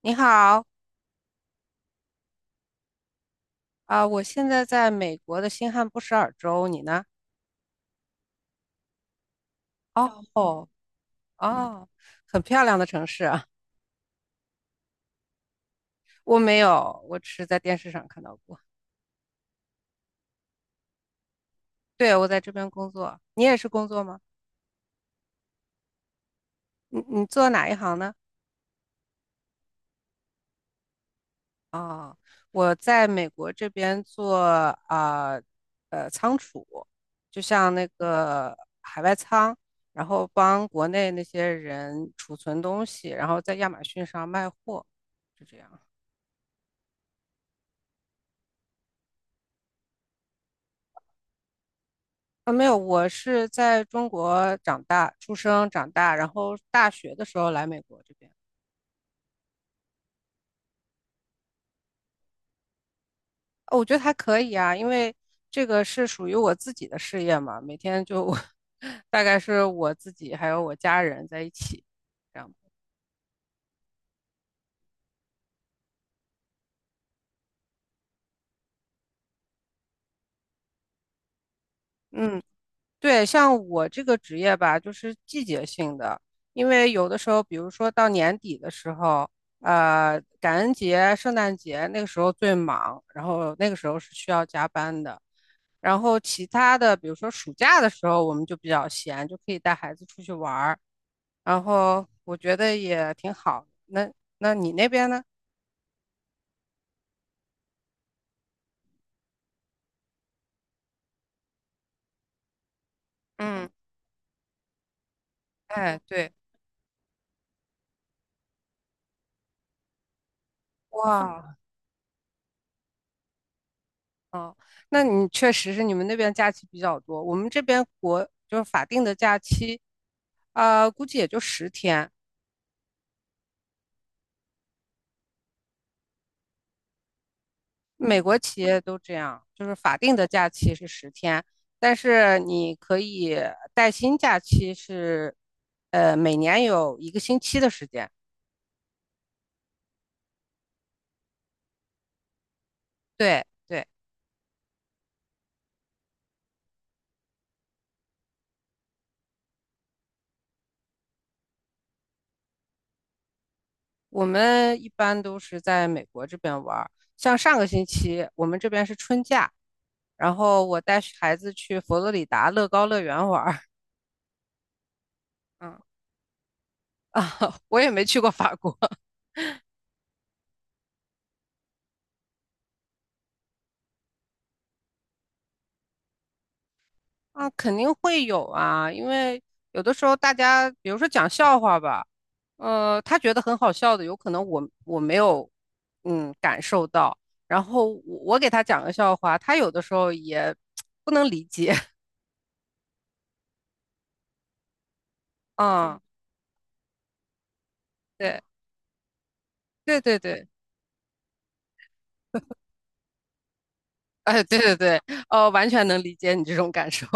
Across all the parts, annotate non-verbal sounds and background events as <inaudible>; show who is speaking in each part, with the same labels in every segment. Speaker 1: 你好，啊、我现在在美国的新罕布什尔州，你呢？哦哦哦。很漂亮的城市啊！我没有，我只是在电视上看到过。对，我在这边工作，你也是工作吗？你做哪一行呢？哦，我在美国这边做啊仓储，就像那个海外仓，然后帮国内那些人储存东西，然后在亚马逊上卖货，就这样。啊，没有，我是在中国长大、出生、长大，然后大学的时候来美国这边。哦，我觉得还可以啊，因为这个是属于我自己的事业嘛，每天就 <laughs> 大概是我自己还有我家人在一起，这样。嗯。对，像我这个职业吧，就是季节性的，因为有的时候，比如说到年底的时候，感恩节、圣诞节那个时候最忙，然后那个时候是需要加班的。然后其他的，比如说暑假的时候，我们就比较闲，就可以带孩子出去玩儿，然后我觉得也挺好。那你那边呢？嗯，哎，对，哇，哦，那你确实是你们那边假期比较多，我们这边国就是法定的假期，估计也就十天。美国企业都这样，就是法定的假期是十天，但是你可以带薪假期是，每年有一个星期的时间。对对。我们一般都是在美国这边玩儿，像上个星期我们这边是春假，然后我带孩子去佛罗里达乐高乐园玩儿。<laughs> 啊，<laughs> 我也没去过法国啊。肯定会有啊，因为有的时候大家，比如说讲笑话吧，他觉得很好笑的，有可能我没有，感受到，然后我给他讲个笑话，他有的时候也不能理解 <laughs>，啊，对对对对，哎，对对对，完全能理解你这种感受。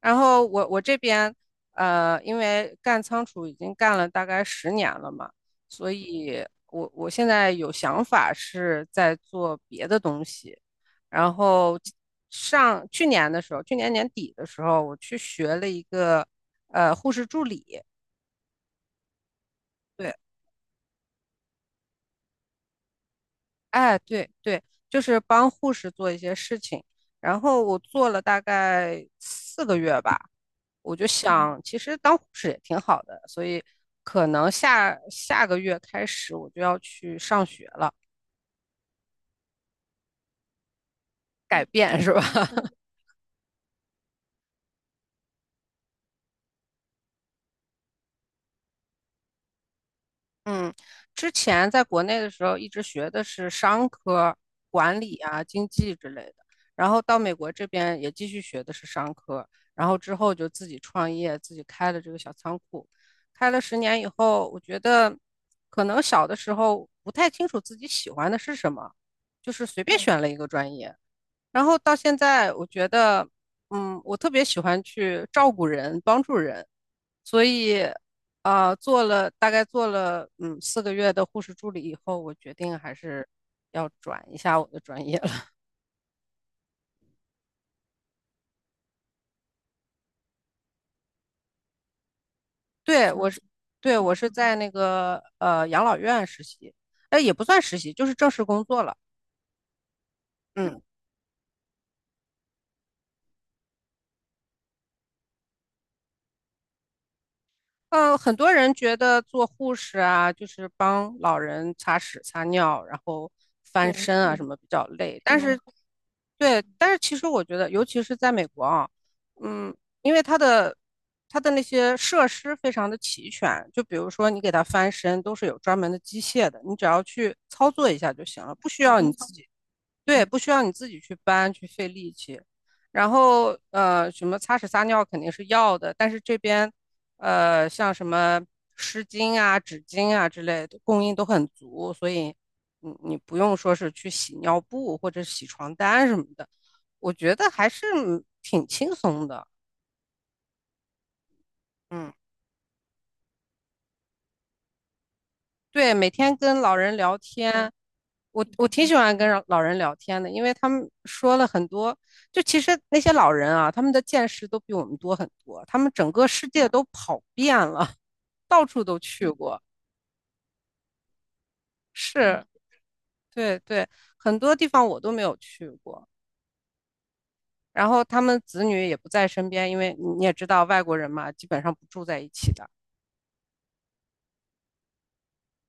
Speaker 1: 然后我这边因为干仓储已经干了大概十年了嘛，所以我现在有想法是在做别的东西。然后上去年的时候，去年年底的时候，我去学了一个护士助理，对，哎，对对，就是帮护士做一些事情。然后我做了大概四个月吧。我就想，其实当护士也挺好的，所以可能下下个月开始我就要去上学了，改变是吧？<laughs> 嗯，之前在国内的时候一直学的是商科、管理啊、经济之类的，然后到美国这边也继续学的是商科，然后之后就自己创业，自己开了这个小仓库，开了十年以后，我觉得可能小的时候不太清楚自己喜欢的是什么，就是随便选了一个专业。然后到现在，我觉得，我特别喜欢去照顾人、帮助人，所以，啊、做了大概做了嗯四个月的护士助理以后，我决定还是要转一下我的专业了。<laughs> 对，我是，对，我是在那个养老院实习，哎，也不算实习，就是正式工作了。嗯，很多人觉得做护士啊，就是帮老人擦屎、擦尿，然后翻身啊什么比较累，但是对，但是其实我觉得，尤其是在美国啊，嗯，因为它的那些设施非常的齐全，就比如说你给它翻身都是有专门的机械的，你只要去操作一下就行了，不需要你自己对，不需要你自己去搬去费力气。然后什么擦屎撒尿肯定是要的，但是这边像什么湿巾啊、纸巾啊之类的供应都很足，所以你不用说是去洗尿布或者洗床单什么的，我觉得还是挺轻松的。嗯，对，每天跟老人聊天。我挺喜欢跟老人聊天的，因为他们说了很多，就其实那些老人啊，他们的见识都比我们多很多，他们整个世界都跑遍了，到处都去过，是，对对，很多地方我都没有去过。然后他们子女也不在身边，因为你也知道外国人嘛，基本上不住在一起的，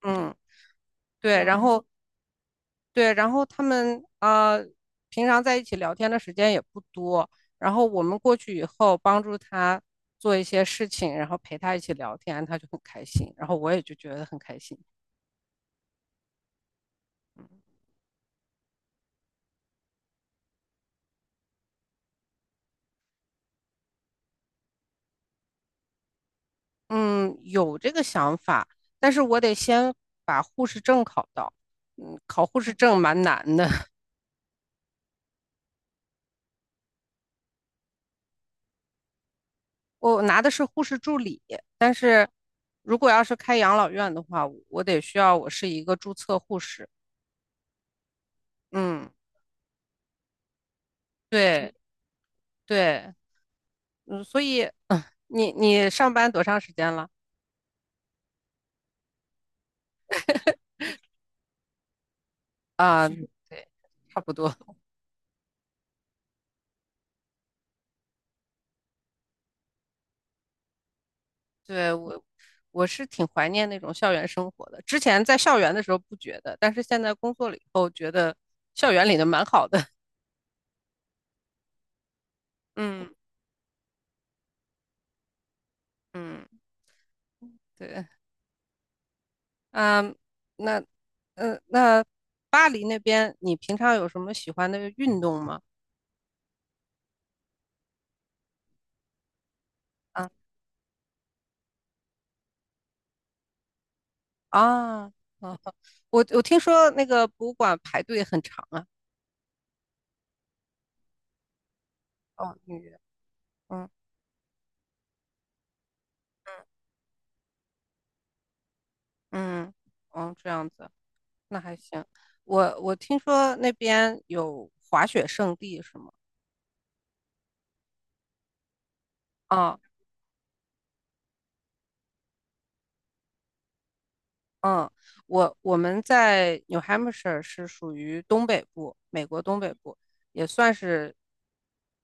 Speaker 1: 嗯，对，然后对，然后他们啊、平常在一起聊天的时间也不多，然后我们过去以后帮助他做一些事情，然后陪他一起聊天，他就很开心，然后我也就觉得很开心。嗯，有这个想法，但是我得先把护士证考到。考护士证蛮难的，<laughs> 我拿的是护士助理。如果要是开养老院的话，我得需要我是一个注册护士。嗯，对对。嗯，所以你上班多长时间了啊？对，<laughs> 差不多。对，我是挺怀念那种校园生活的。之前在校园的时候不觉得，但是现在工作了以后，觉得校园里的蛮好的。<laughs> 嗯嗯，对，嗯，那那巴黎那边，你平常有什么喜欢的运动吗？啊啊啊！我听说那个博物馆排队很长啊。哦，预约。嗯嗯嗯，哦，这样子。那还行。我听说那边有滑雪胜地是吗？啊，嗯，我们在 New Hampshire 是属于东北部，美国东北部，也算是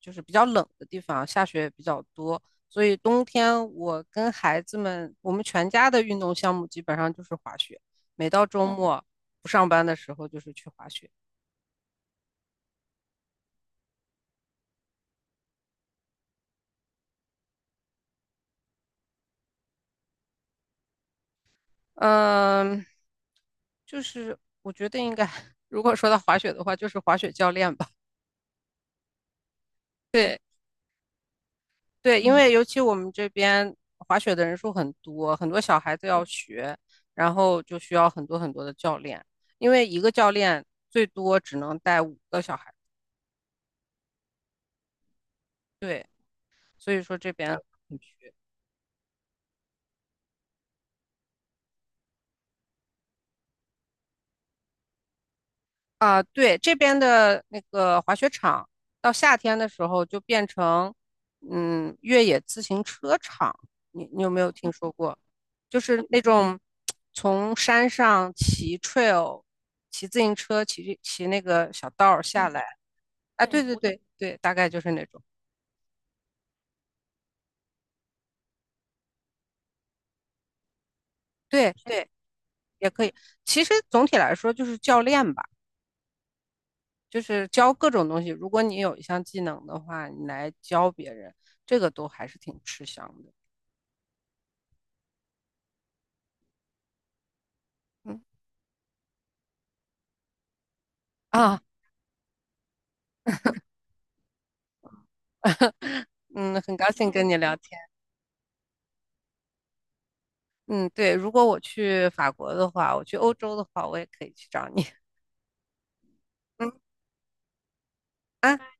Speaker 1: 就是比较冷的地方，下雪也比较多，所以冬天我跟孩子们，我们全家的运动项目基本上就是滑雪，每到周末不上班的时候就是去滑雪。嗯，就是我觉得应该，如果说到滑雪的话，就是滑雪教练吧。对对，因为尤其我们这边滑雪的人数很多，很多小孩子要学，然后就需要很多很多的教练，因为一个教练最多只能带五个小孩。对，所以说这边很缺。啊，对，这边的那个滑雪场，到夏天的时候就变成，越野自行车场。你有没有听说过？就是那种从山上骑 trail、骑自行车、骑那个小道儿下来。啊，对，对对对大概就是那种。对对，也可以。其实总体来说就是教练吧，就是教各种东西。如果你有一项技能的话，你来教别人，这个都还是挺吃香的。嗯。啊。嗯，很高兴跟你聊天。嗯，对，如果我去法国的话，我去欧洲的话，我也可以去找你。<laughs> 嗯，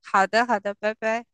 Speaker 1: 好的，好的，拜拜。